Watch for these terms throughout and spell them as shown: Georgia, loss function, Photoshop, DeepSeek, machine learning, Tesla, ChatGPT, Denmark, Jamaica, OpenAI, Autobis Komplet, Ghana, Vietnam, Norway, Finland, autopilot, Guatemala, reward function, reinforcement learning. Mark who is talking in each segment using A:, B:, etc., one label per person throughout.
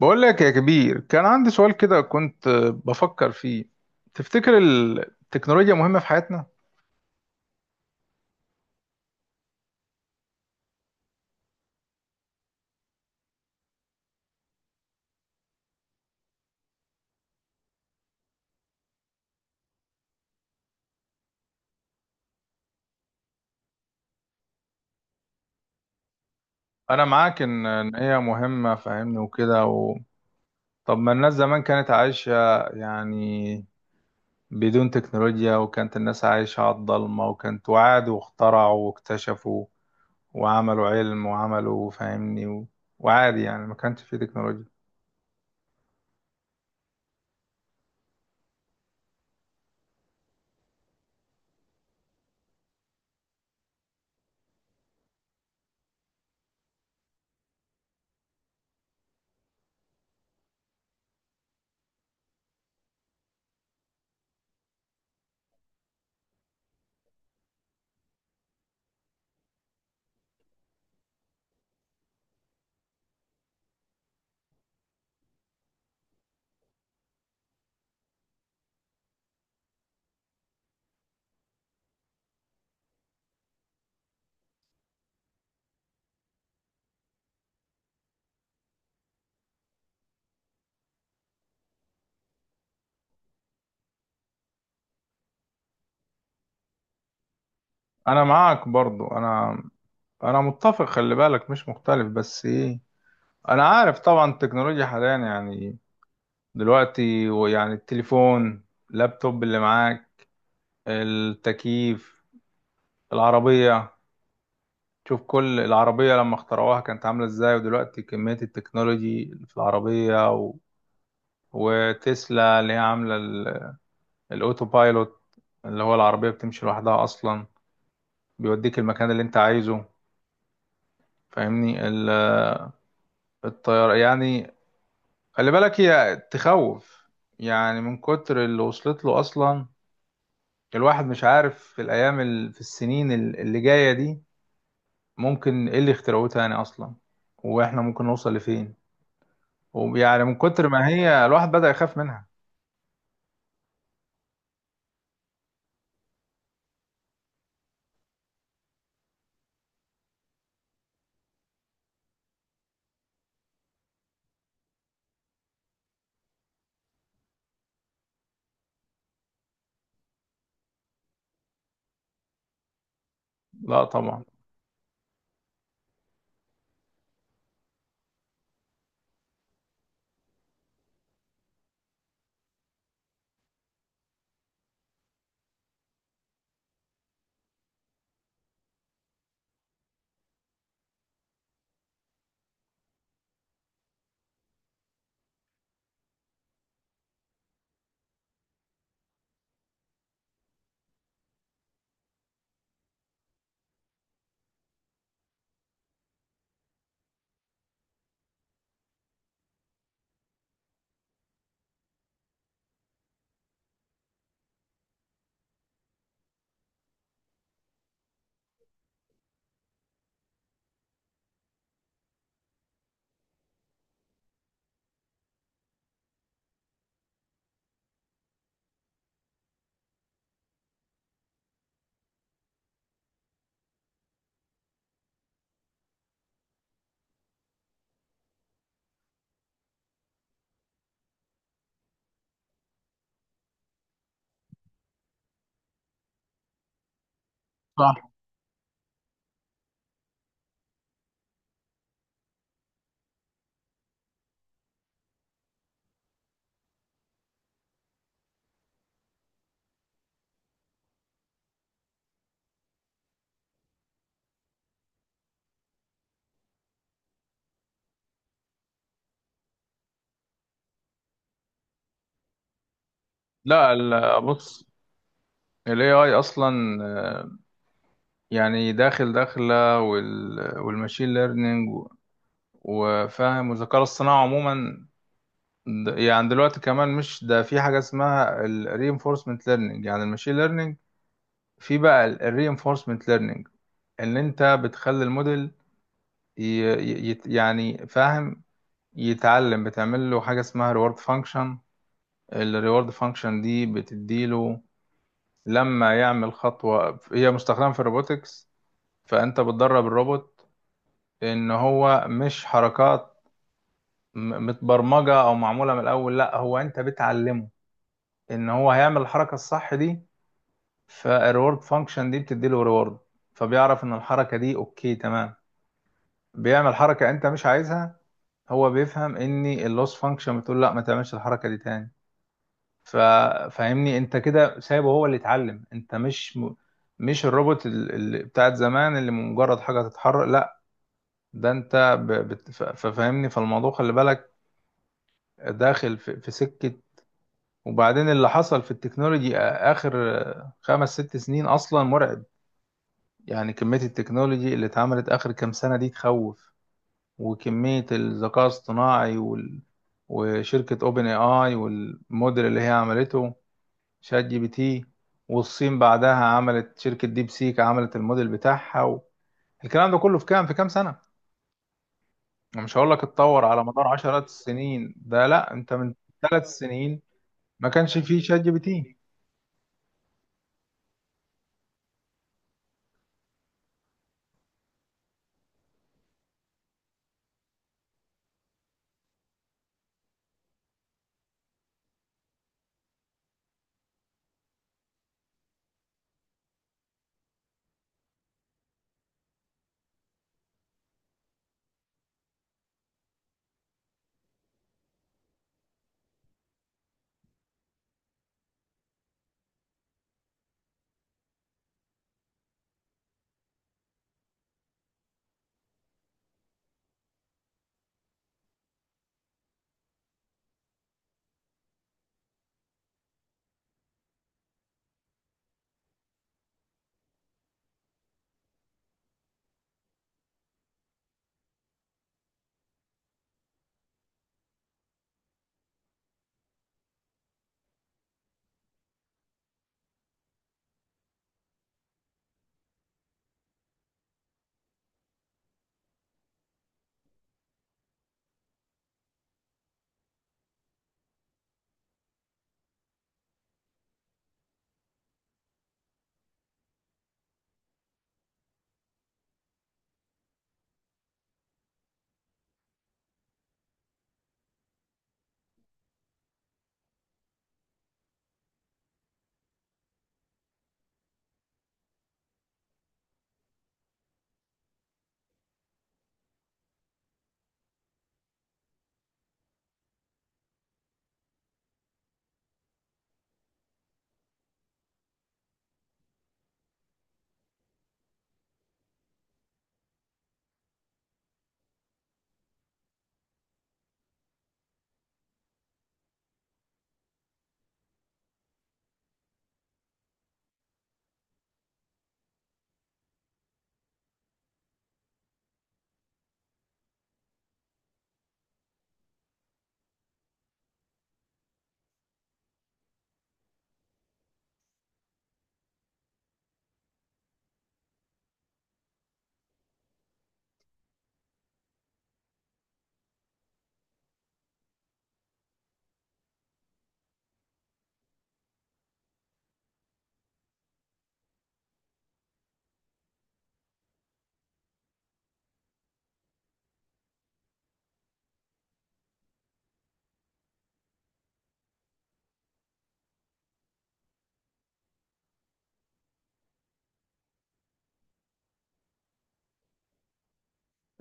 A: بقول لك يا كبير، كان عندي سؤال كده كنت بفكر فيه. تفتكر التكنولوجيا مهمة في حياتنا؟ أنا معاك إن هي مهمة فاهمني وكده و... طب ما الناس زمان كانت عايشة يعني بدون تكنولوجيا، وكانت الناس عايشة على الضلمة، وكانت وعادوا واخترعوا واكتشفوا وعملوا علم وعملوا فاهمني و... وعادي يعني ما كانش فيه تكنولوجيا. أنا معاك برضو، أنا متفق، خلي بالك مش مختلف، بس إيه، انا عارف طبعا التكنولوجيا حاليا يعني دلوقتي، ويعني التليفون، اللابتوب اللي معاك، التكييف، العربية. شوف كل العربية لما اخترعوها كانت عاملة ازاي، ودلوقتي كمية التكنولوجي في العربية و... وتسلا اللي هي عاملة الاوتو بايلوت، اللي هو العربية بتمشي لوحدها اصلا، بيوديك المكان اللي انت عايزه. فاهمني الطيارة يعني. خلي بالك هي تخوف يعني، من كتر اللي وصلت له اصلا. الواحد مش عارف في في اللي جايه دي ممكن ايه اللي اخترعوه تاني اصلا، واحنا ممكن نوصل لفين. ويعني من كتر ما هي، الواحد بدأ يخاف منها. لا طبعا. صح. لا بص، ال AI أصلا، يعني داخلة وال والماشين ليرنينج، وفاهم، والذكاء الاصطناعي عموما. يعني دلوقتي كمان مش ده في حاجة اسمها ال reinforcement learning، يعني الماشين ليرنينج في بقى ال reinforcement learning. ان انت بتخلي الموديل يعني فاهم، يتعلم. بتعمل له حاجه اسمها ريورد فانكشن. الريورد فانكشن دي بتديله لما يعمل خطوه، هي مستخدمه في الروبوتكس. فانت بتدرب الروبوت ان هو مش حركات متبرمجه او معموله من الاول، لا هو انت بتعلمه ان هو هيعمل الحركه الصح دي. فالريورد فانكشن دي بتديله ريورد، فبيعرف ان الحركه دي اوكي تمام. بيعمل حركه انت مش عايزها، هو بيفهم ان اللوس فانكشن بتقول لا ما تعملش الحركه دي تاني. ف... فاهمني، انت كده سايبه هو اللي يتعلم، انت مش الروبوت اللي بتاعت زمان، اللي مجرد حاجه تتحرك، لا. ده انت ففاهمني، فالموضوع خلي بالك داخل في سكه. وبعدين اللي حصل في التكنولوجي اخر خمس ست سنين اصلا مرعب. يعني كميه التكنولوجي اللي اتعملت اخر كام سنه دي تخوف، وكمية الذكاء الاصطناعي وال... وشركة اوبن اي اي، والموديل اللي هي عملته شات جي بي تي، والصين بعدها عملت شركة ديب سيك، عملت الموديل بتاعها و... الكلام ده كله في كام في كام سنة. أنا مش هقول لك اتطور على مدار عشرات السنين ده، لا انت من 3 سنين ما كانش فيه شات جي بي تي.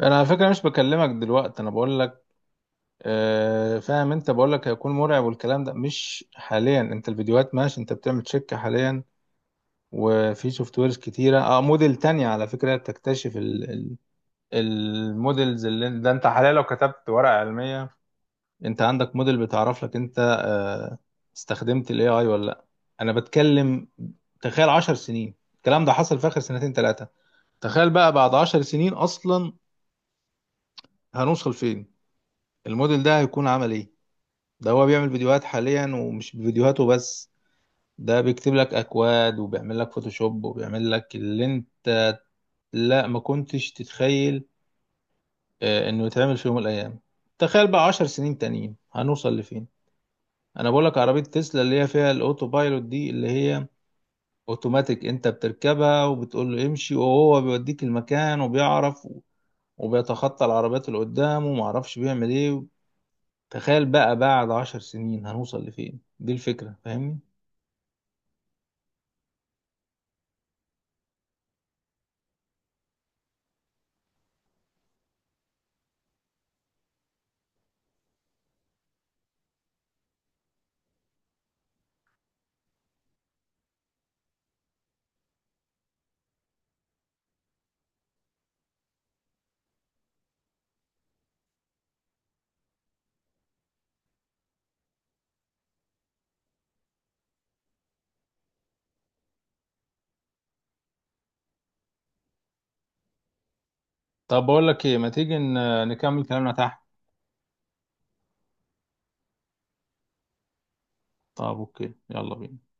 A: انا على فكرة مش بكلمك دلوقتي، انا بقول لك آه فاهم، انت بقول لك هيكون مرعب والكلام ده مش حاليا. انت الفيديوهات ماشي، انت بتعمل شركة حاليا، وفي سوفت ويرز كتيرة اه، موديل تانية على فكرة بتكتشف ال الموديلز اللي ده. انت حاليا لو كتبت ورقة علمية، انت عندك موديل بتعرف لك انت استخدمت الاي اي ولا لا. انا بتكلم، تخيل 10 سنين، الكلام ده حصل في اخر سنتين ثلاثة، تخيل بقى بعد 10 سنين اصلا هنوصل فين، الموديل ده هيكون عمل ايه. ده هو بيعمل فيديوهات حاليا، ومش فيديوهاته بس، ده بيكتب لك اكواد، وبيعمل لك فوتوشوب، وبيعمل لك اللي انت، لا ما كنتش تتخيل انه يتعمل في يوم من الايام. تخيل بقى 10 سنين تانيين هنوصل لفين. انا بقول لك عربية تسلا اللي هي فيها الاوتو بايلوت دي، اللي هي اوتوماتيك، انت بتركبها وبتقول له امشي، وهو بيوديك المكان، وبيعرف وبيتخطى العربيات اللي قدامه، ومعرفش بيعمل ايه. تخيل بقى بعد عشر سنين هنوصل لفين، دي الفكرة فاهمني. طب بقول لك ايه، ما تيجي نكمل كلامنا تحت. طب اوكي، يلا بينا.